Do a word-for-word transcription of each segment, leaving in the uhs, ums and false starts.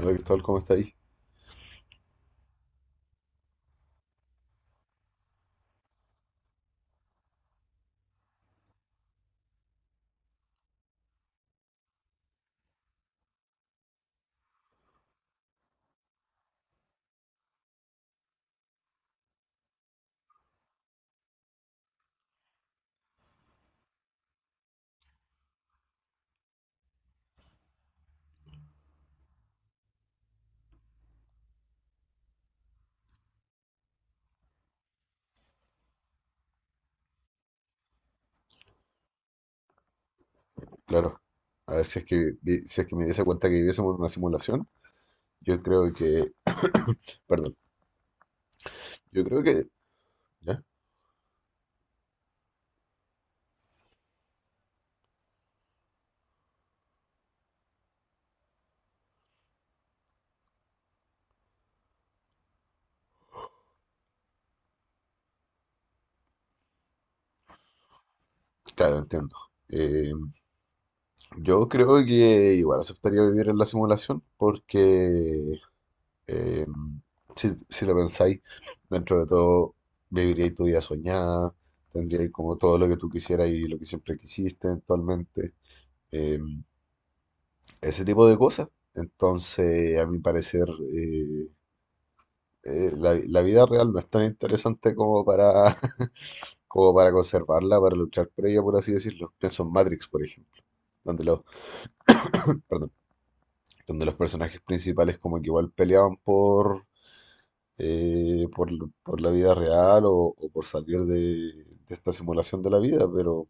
Hola Cristóbal, ¿cómo está ahí? Claro, a ver si es que vi- si es que me diese cuenta que viviésemos en una simulación, yo creo que, perdón, yo creo que, ya, claro, entiendo. Eh, yo creo que igual aceptaría vivir en la simulación porque eh, si, si lo pensáis, dentro de todo viviríais tu vida soñada, tendríais como todo lo que tú quisieras y lo que siempre quisiste eventualmente, eh, ese tipo de cosas. Entonces, a mi parecer, eh, eh, la, la vida real no es tan interesante como para, como para conservarla, para luchar por ella, por así decirlo. Pienso en Matrix, por ejemplo, donde los, perdón, donde los personajes principales como que igual peleaban por, eh, por, por la vida real o, o por salir de, de esta simulación de la vida, pero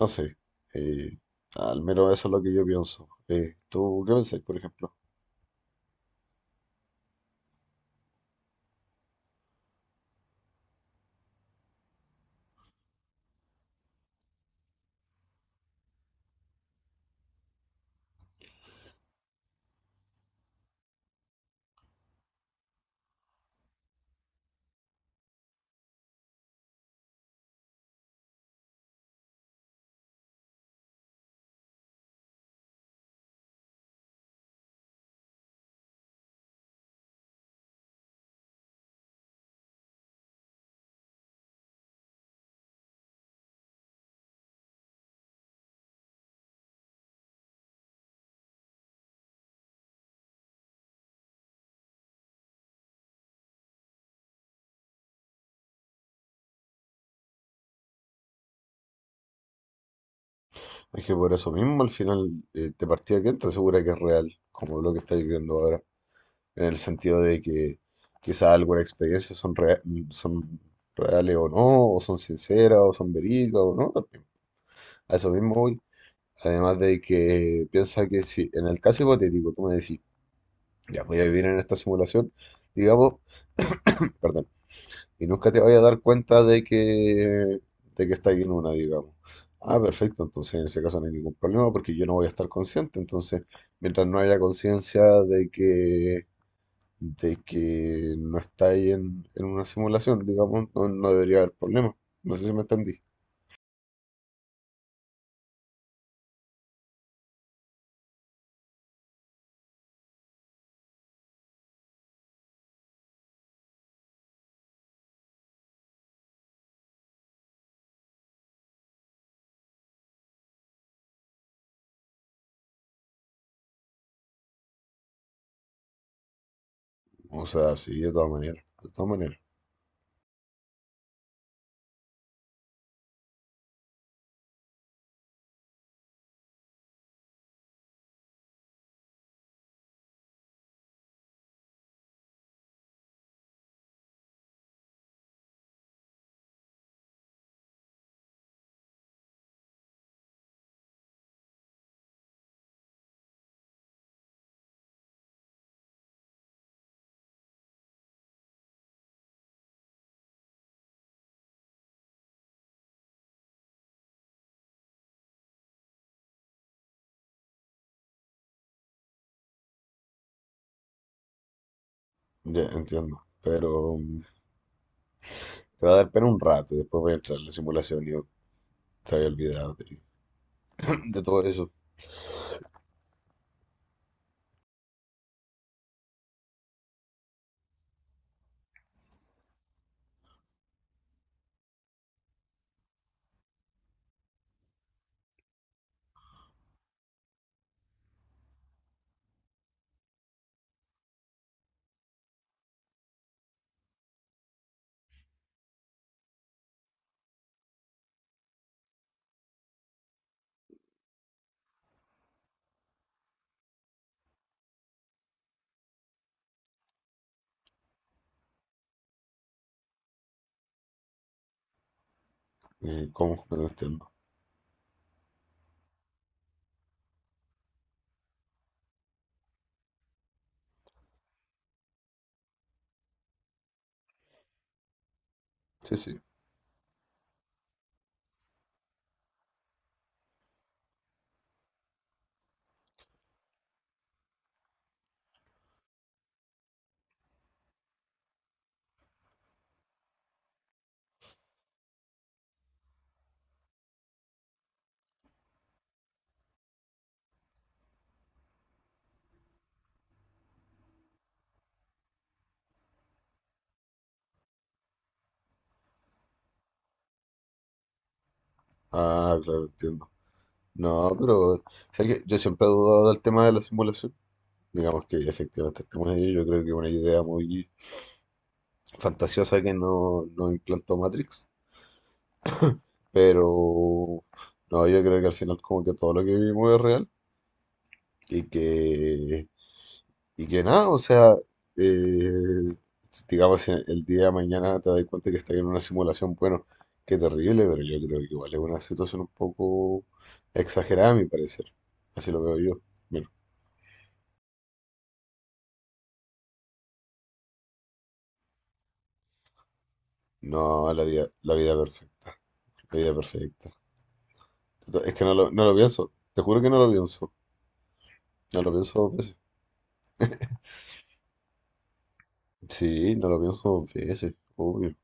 no sé. eh, al menos eso es lo que yo pienso. Eh, ¿tú qué pensáis, por ejemplo? Es que por eso mismo al final eh, te partida que entra segura que es real, como lo que estáis viendo ahora, en el sentido de que quizá algunas experiencias son, rea- son reales o no, o son sinceras, o son verídicas o no también. A eso mismo voy. Además de que piensa que si en el caso hipotético tú me decís, ya voy a vivir en esta simulación, digamos, perdón, y nunca te vayas a dar cuenta de que, de que estás en una, digamos. Ah, perfecto, entonces en ese caso no hay ningún problema porque yo no voy a estar consciente, entonces mientras no haya conciencia de que de que no está ahí en, en una simulación, digamos, no, no debería haber problema. No sé si me entendí. O sea, sí, de todas maneras, de todas maneras. Ya entiendo, pero mm, te va a dar pena un rato y después voy a entrar en la simulación y yo te voy a olvidar de, de todo eso. Eh, ¿Cómo? No entiendo. Sí, sí. Ah, claro, entiendo. No, pero ¿sabes qué? Yo siempre he dudado del tema de la simulación. Digamos que efectivamente estamos ahí. Yo creo que es una idea muy fantasiosa que no, no implantó Matrix. Pero no, yo creo que al final como que todo lo que vivimos es real y que, y que nada, o sea, eh, digamos, si el día de mañana te das cuenta que estás en una simulación, bueno, qué terrible, pero yo creo que igual es una situación un poco exagerada a mi parecer, así lo veo yo. Bueno, no la vida, la vida perfecta, la vida perfecta. Es que no lo, no lo pienso, te juro que no lo pienso, no lo pienso dos veces. Sí, no lo pienso dos veces, obvio.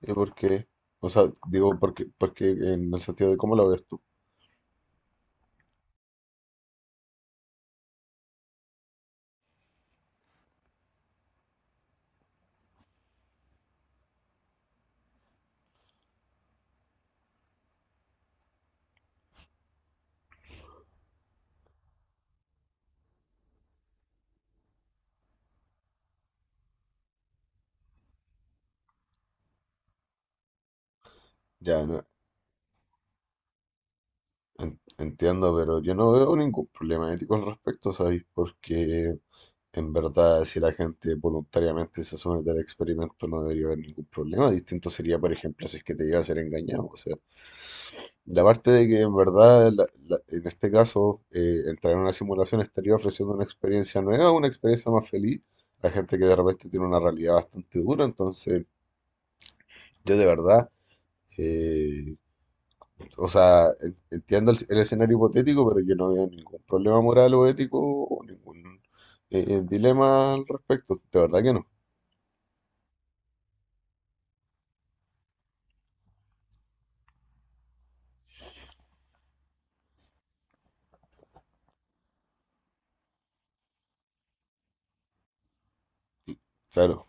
¿Y por qué? O sea, digo, porque, porque en el sentido de cómo lo ves tú. Ya, no, en- entiendo, pero yo no veo ningún problema ético al respecto, ¿sabéis? Porque en verdad, si la gente voluntariamente se somete al experimento, no debería haber ningún problema. Distinto sería, por ejemplo, si es que te llega a ser engañado. O sea, la parte de que en verdad, la- la- en este caso, eh, entrar en una simulación estaría ofreciendo una experiencia nueva, una experiencia más feliz a gente que de repente tiene una realidad bastante dura. Entonces, yo de verdad. Eh, O sea, en- entiendo el, el escenario hipotético, pero yo no veo ningún problema moral o ético o ningún eh, eh, dilema al respecto. De verdad que no. Claro,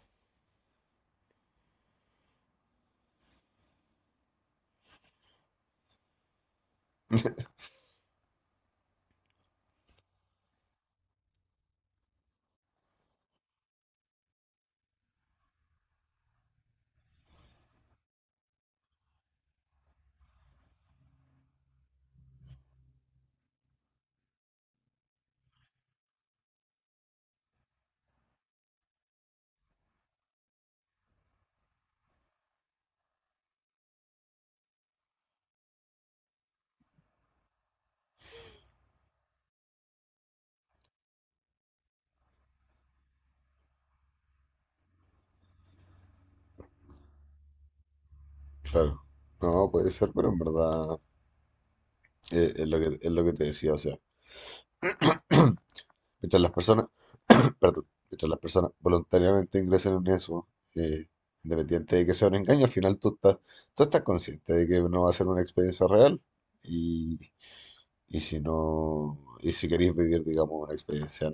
claro. No, puede ser, pero en verdad eh, es lo que, es lo que te decía. O sea, mientras las personas, perdón, mientras las personas voluntariamente ingresen en eso, eh, independiente de que sea un engaño, al final tú estás, tú estás consciente de que no va a ser una experiencia real y, y si no, y si queréis vivir, digamos, una experiencia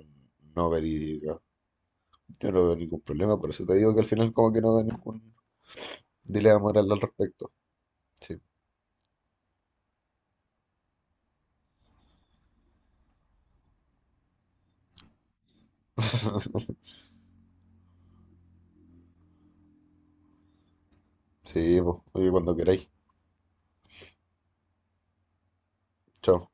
no verídica. Yo no veo ningún problema, por eso te digo que al final como que no veo ningún dilema moral al respecto. Sí, sí, pues, oye, cuando queráis. Chao.